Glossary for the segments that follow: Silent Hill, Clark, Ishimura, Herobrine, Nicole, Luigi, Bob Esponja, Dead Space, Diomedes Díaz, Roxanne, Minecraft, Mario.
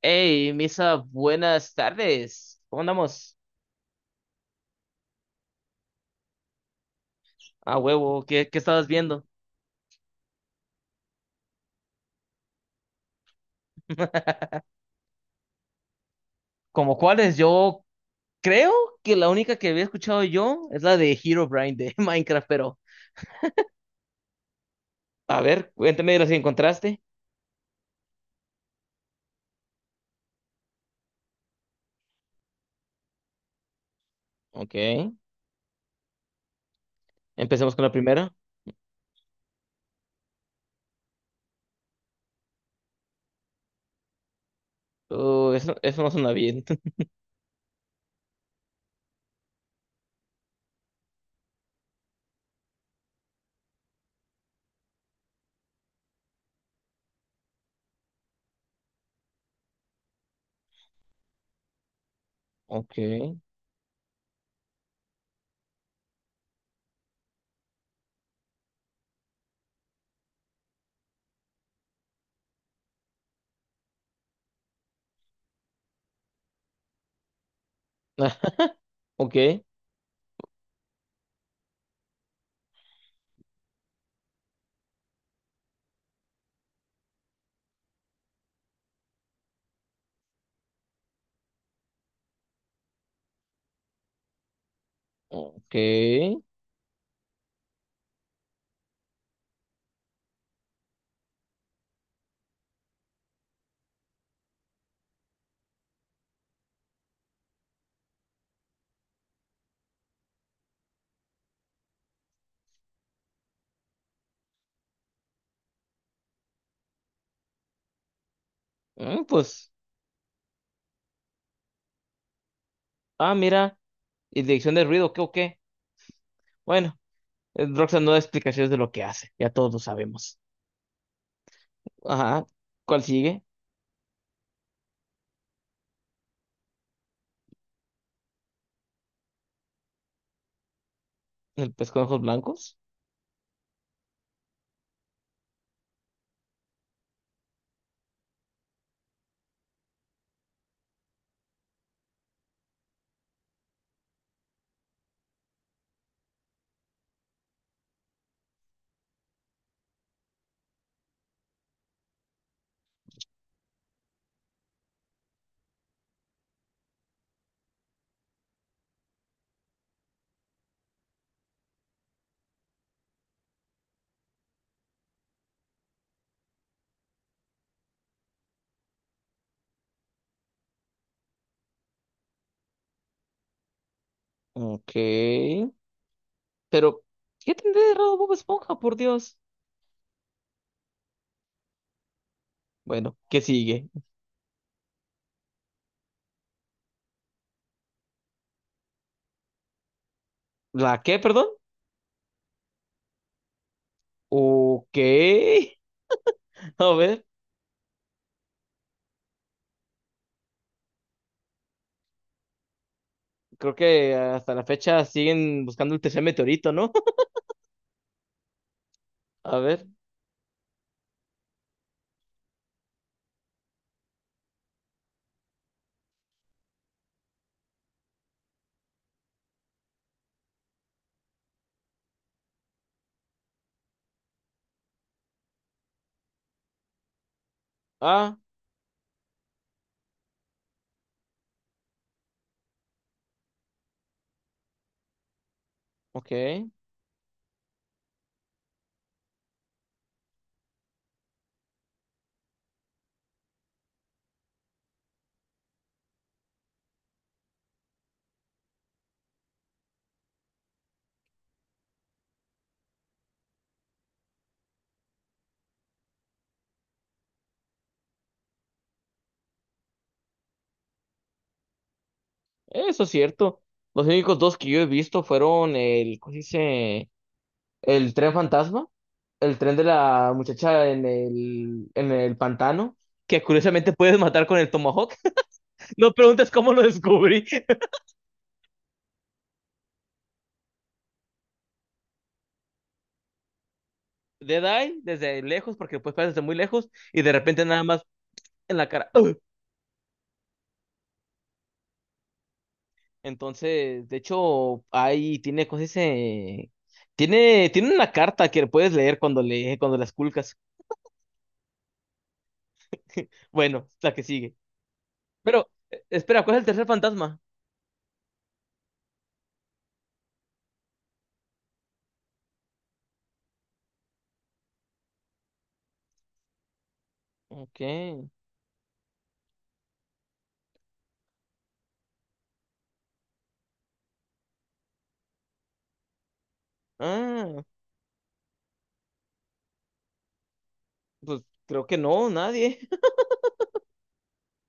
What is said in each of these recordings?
Hey, Misa, buenas tardes. ¿Cómo andamos? A huevo, ¿qué, qué estabas viendo? Como cuáles, yo creo que la única que había escuchado yo es la de Herobrine de Minecraft, pero a ver, cuéntame de las que encontraste. Ok, empecemos con la primera. Eso, eso no suena bien. Ok, ok, ok. Pues, mira, y dirección de ruido, ¿qué o qué? Bueno, Roxanne no da explicaciones de lo que hace, ya todos lo sabemos. Ajá. ¿Cuál sigue? El pez con ojos blancos. Ok. Pero, ¿qué tendré de raro Bob Esponja, por Dios? Bueno, ¿qué sigue? ¿La qué, perdón? Ok. A ver, creo que hasta la fecha siguen buscando el tercer meteorito, ¿no? A ver. Ah, ok. Eso es cierto. Los únicos dos que yo he visto fueron el, ¿cómo se dice? El tren fantasma, el tren de la muchacha en el pantano, que curiosamente puedes matar con el tomahawk. No preguntes cómo lo descubrí. Dead eye desde lejos, porque puedes pasar desde muy lejos, y de repente nada más en la cara. ¡Ugh! Entonces, de hecho, ahí tiene, ¿cómo se dice? Tiene una carta que puedes leer cuando cuando la esculcas. Bueno, la que sigue. Pero, espera, ¿cuál es el tercer fantasma? Ok. Ah, pues creo que no, nadie.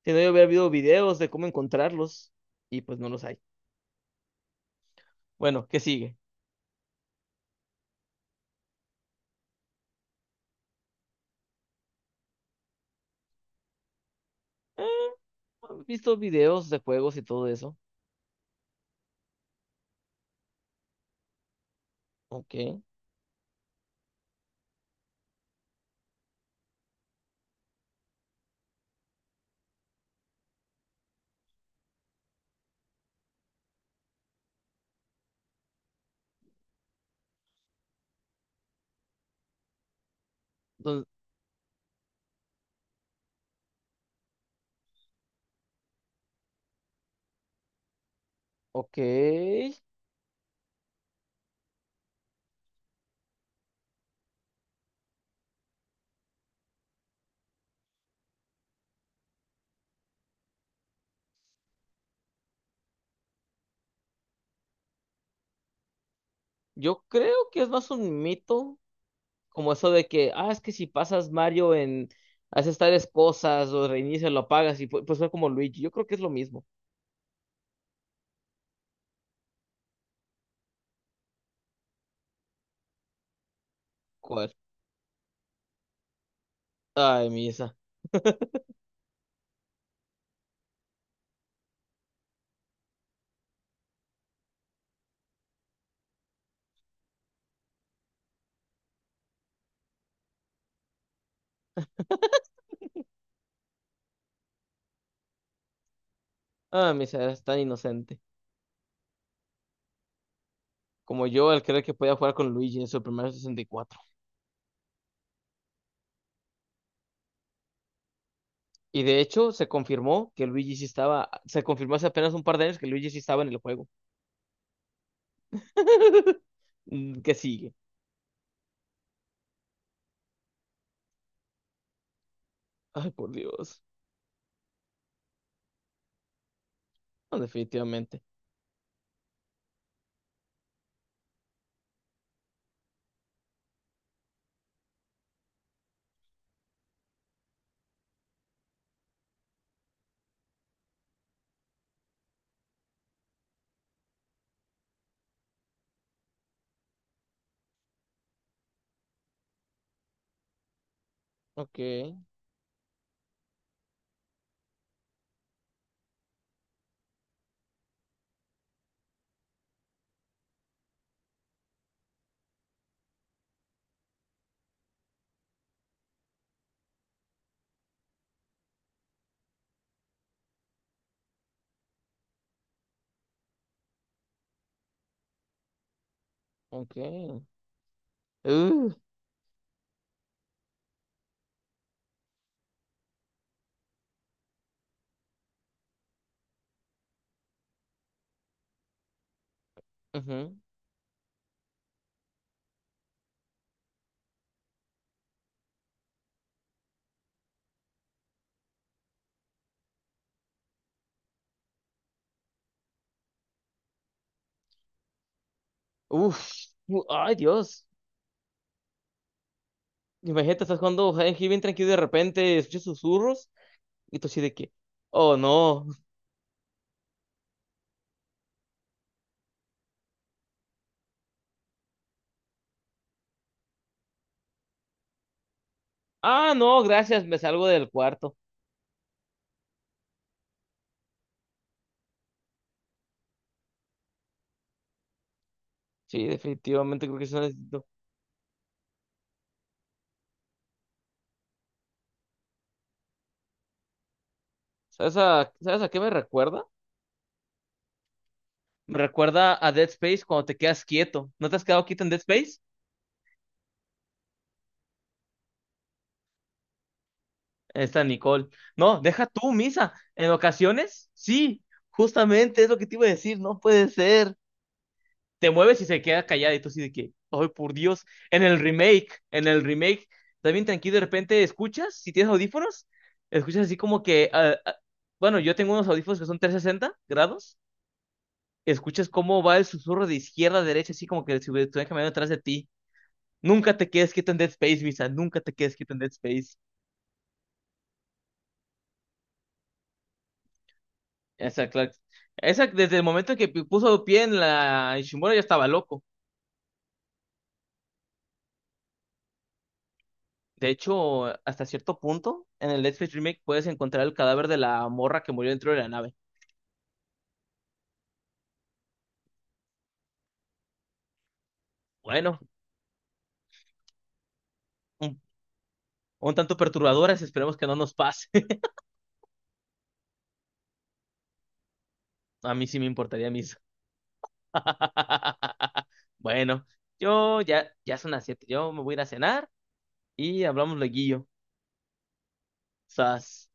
Si no, yo hubiera habido videos de cómo encontrarlos y pues no los hay. Bueno, ¿qué sigue? Eh, He visto videos de juegos y todo eso. Ok. Entonces, ok. Yo creo que es más un mito, como eso de que, es que si pasas Mario haces tales cosas o reinicias, lo apagas y pues fue como Luigi. Yo creo que es lo mismo. ¿Cuál? Ay, Misa. Ah, Misa, eres tan inocente. Como yo al creer que podía jugar con Luigi en su primer 64. Y de hecho, se confirmó que Luigi sí estaba, se confirmó hace apenas un par de años que Luigi sí estaba en el juego. Mm, ¿qué sigue? Ay, por Dios. No, definitivamente. Ok, ok. Uh, ujú. Uf, ay, Dios. Imagínate, estás jugando Silent Hill bien tranquilo y de repente escuchas susurros y tú así de que, oh, no. Ah, no, gracias, me salgo del cuarto. Sí, definitivamente creo que eso necesito. ¿Sabes a qué me recuerda? Me recuerda a Dead Space cuando te quedas quieto. ¿No te has quedado quieto en Dead Space? Ahí está Nicole. No, deja tú, Misa. En ocasiones, sí, justamente es lo que te iba a decir, no puede ser. Te mueves y se queda callada y tú así de que, ay, por Dios, en el remake, también tranquilo, de repente escuchas, si tienes audífonos, escuchas así como que, ah, ah, bueno, yo tengo unos audífonos que son 360 grados, escuchas cómo va el susurro de izquierda a derecha, así como que si estuvieran caminando detrás de ti. Nunca te quedes quieto en Dead Space, Misa. Nunca te quedes quieto en Dead Space. Esa, Clark. Esa, desde el momento que puso pie en la Ishimura ya estaba loco. De hecho, hasta cierto punto, en el Dead Space Remake puedes encontrar el cadáver de la morra que murió dentro de la nave. Bueno, un, un tanto perturbadoras, esperemos que no nos pase. A mí sí me importaría, Misa. Bueno, ya son las siete. Yo me voy a ir a cenar y hablamos luego. Sas.